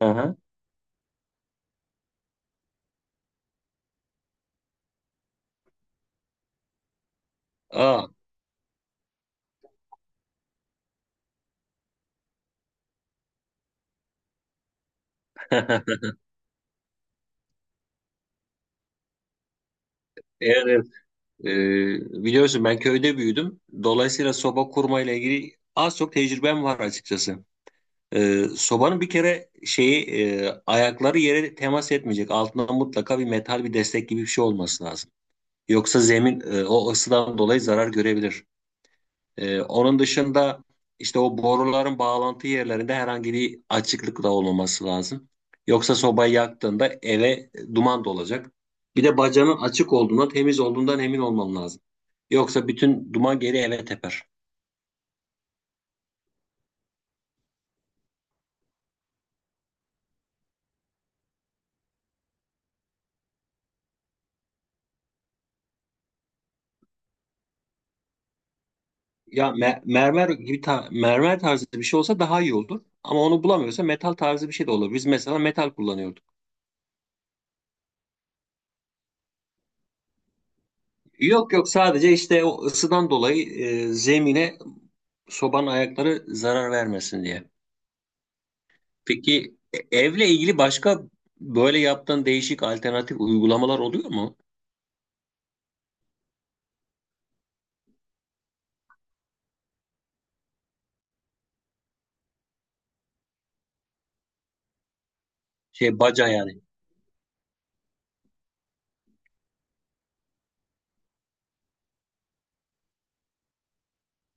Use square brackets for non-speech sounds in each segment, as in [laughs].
Aha. Aa. [laughs] Evet. Ee, Biliyorsun ben köyde büyüdüm. Dolayısıyla soba kurma ile ilgili az çok tecrübem var açıkçası. Sobanın bir kere ayakları yere temas etmeyecek. Altında mutlaka bir metal bir destek gibi bir şey olması lazım. Yoksa zemin o ısıdan dolayı zarar görebilir. Onun dışında işte o boruların bağlantı yerlerinde herhangi bir açıklık da olmaması lazım. Yoksa sobayı yaktığında eve duman dolacak. Bir de bacanın açık olduğundan, temiz olduğundan emin olman lazım. Yoksa bütün duman geri eve teper. Ya mermer gibi mermer tarzı bir şey olsa daha iyi olur. Ama onu bulamıyorsa metal tarzı bir şey de olur. Biz mesela metal kullanıyorduk. Yok yok, sadece işte o ısıdan dolayı zemine sobanın ayakları zarar vermesin diye. Peki, evle ilgili başka böyle yaptığın değişik alternatif uygulamalar oluyor mu? Şey, baca yani.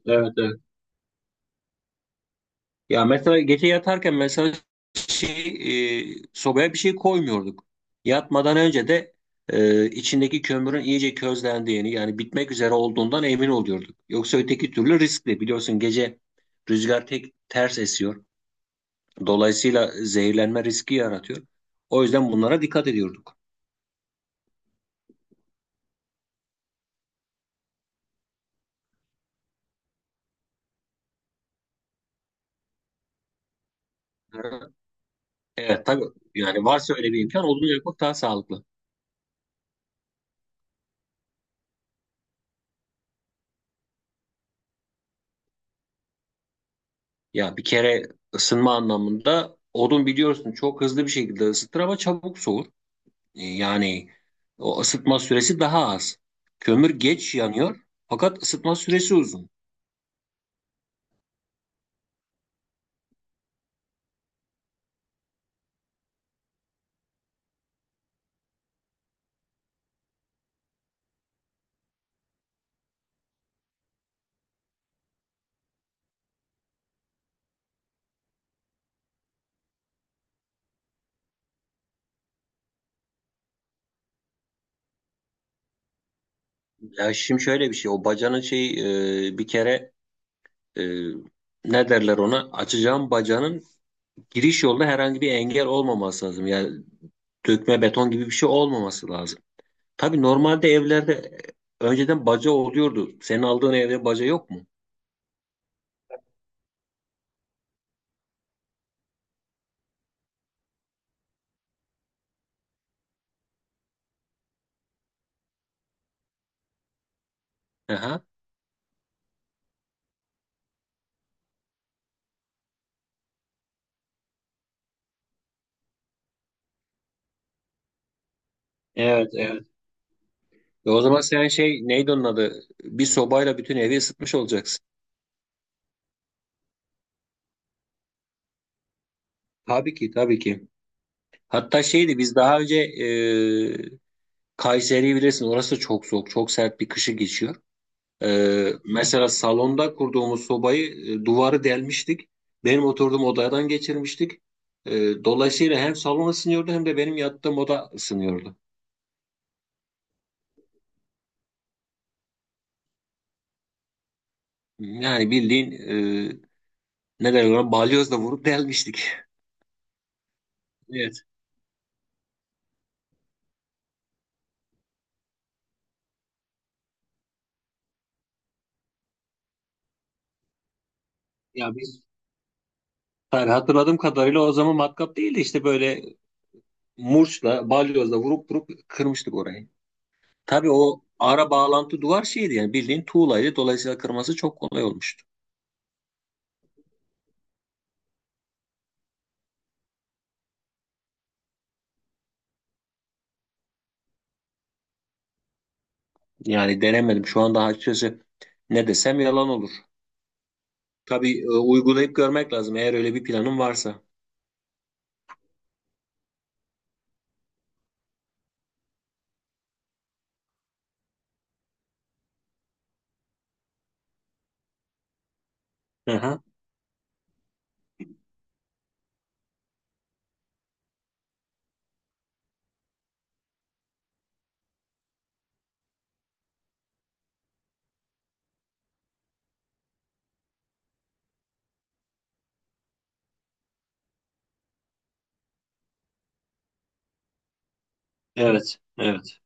Evet, evet. Ya mesela gece yatarken, mesela şey sobaya bir şey koymuyorduk. Yatmadan önce de içindeki kömürün iyice közlendiğini, yani bitmek üzere olduğundan emin oluyorduk. Yoksa öteki türlü riskli. Biliyorsun, gece rüzgar tek ters esiyor. Dolayısıyla zehirlenme riski yaratıyor. O yüzden bunlara dikkat ediyorduk. Evet, tabii, yani varsa öyle bir imkan, odun yakmak daha sağlıklı. Ya bir kere ısınma anlamında odun biliyorsun çok hızlı bir şekilde ısıtır ama çabuk soğur. Yani o ısıtma süresi daha az. Kömür geç yanıyor fakat ısıtma süresi uzun. Ya şimdi şöyle bir şey, o bacanın bir kere e, ne derler ona, açacağım bacanın giriş yolda herhangi bir engel olmaması lazım. Yani dökme beton gibi bir şey olmaması lazım. Tabii normalde evlerde önceden baca oluyordu. Senin aldığın evde baca yok mu? Aha. Evet, evet. E o zaman sen, şey neydi onun adı, bir sobayla bütün evi ısıtmış olacaksın. Tabii ki, tabii ki. Hatta şeydi, biz daha önce, Kayseri'yi bilirsin. Orası çok soğuk, çok sert bir kışı geçiyor. Mesela salonda kurduğumuz sobayı, duvarı delmiştik. Benim oturduğum odadan geçirmiştik. E, Dolayısıyla hem salon ısınıyordu hem de benim yattığım oda ısınıyordu. Yani bildiğin, ne derler ona, balyozla vurup delmiştik. Evet. Ya biz, yani hatırladığım kadarıyla o zaman matkap değildi, işte böyle murçla balyozla vurup kırmıştık orayı. Tabii o ara bağlantı duvar şeydi, yani bildiğin tuğlaydı. Dolayısıyla kırması çok kolay olmuştu. Yani denemedim. Şu anda açıkçası ne desem yalan olur. Tabii, uygulayıp görmek lazım eğer öyle bir planın varsa. Aha, evet, evet.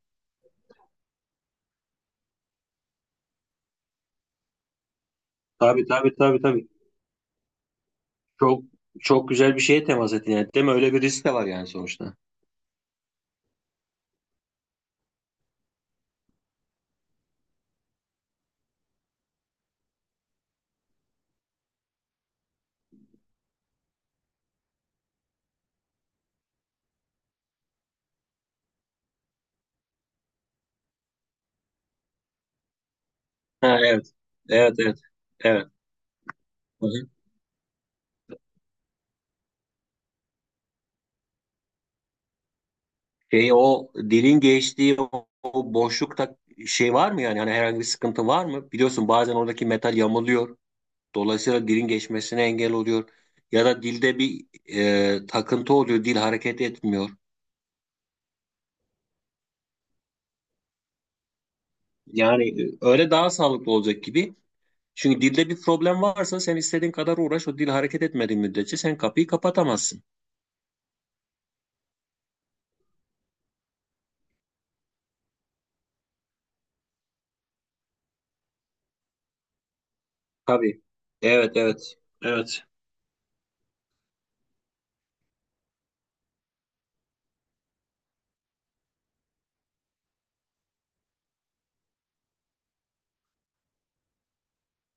Tabii, tabii, tabii, tabii. Çok çok güzel bir şeye temas ettin yani. Değil mi? Öyle bir risk de var yani sonuçta. Ha, evet. Evet, evet. Evet. Hı hı. Şey, o dilin geçtiği o boşlukta şey var mı yani? Hani herhangi bir sıkıntı var mı? Biliyorsun bazen oradaki metal yamuluyor. Dolayısıyla dilin geçmesine engel oluyor. Ya da dilde bir takıntı oluyor. Dil hareket etmiyor. Yani, öyle daha sağlıklı olacak gibi. Çünkü dilde bir problem varsa sen istediğin kadar uğraş, o dil hareket etmediği müddetçe sen kapıyı kapatamazsın. Tabii. Evet, evet. Evet.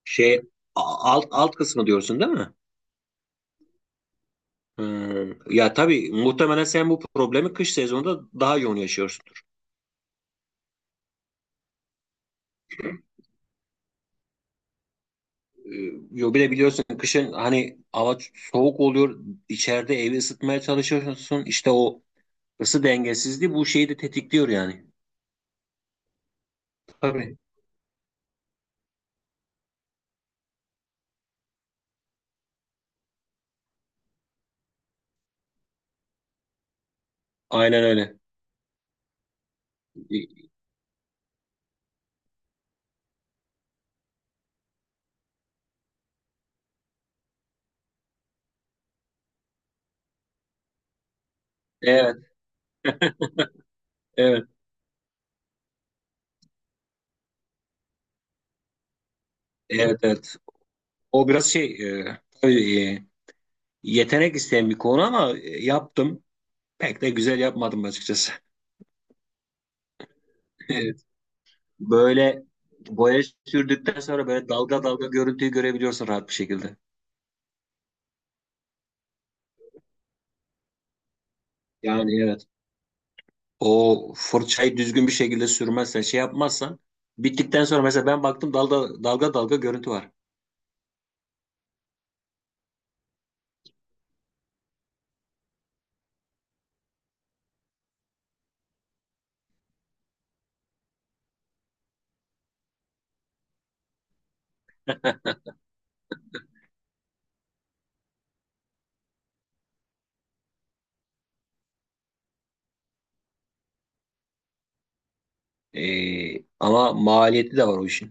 Şey, alt kısmı diyorsun değil mi? Hmm. Ya tabii, muhtemelen sen bu problemi kış sezonunda daha yoğun yaşıyorsundur. Ee, Yo, bir de biliyorsun kışın hani hava soğuk oluyor. İçeride evi ısıtmaya çalışıyorsun. İşte o ısı dengesizliği bu şeyi de tetikliyor yani. Tabii. Aynen öyle. Evet, evet, evet, evet. O biraz tabii, yetenek isteyen bir konu ama yaptım. Pek de güzel yapmadım açıkçası. Evet. Böyle boya sürdükten sonra böyle dalga dalga görüntüyü görebiliyorsun rahat bir şekilde. Yani evet. O fırçayı düzgün bir şekilde sürmezsen, şey yapmazsan, bittikten sonra mesela ben baktım dalga dalga dalga görüntü var. [laughs] Ama maliyeti de var o işin.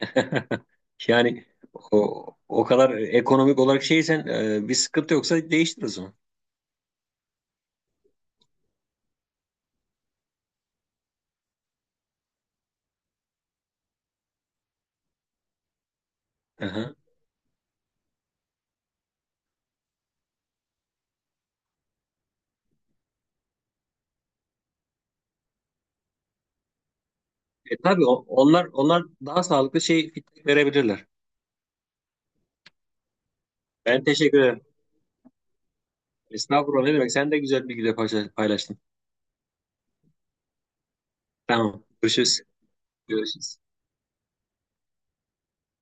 [laughs] Yani o kadar ekonomik olarak şeysen, bir sıkıntı yoksa değiştir o zaman. Aha. E, tabii onlar daha sağlıklı şey feedback verebilirler. Ben teşekkür ederim. Estağfurullah, ne demek? Sen de güzel bilgiler paylaştın. Tamam. Görüşürüz. Görüşürüz.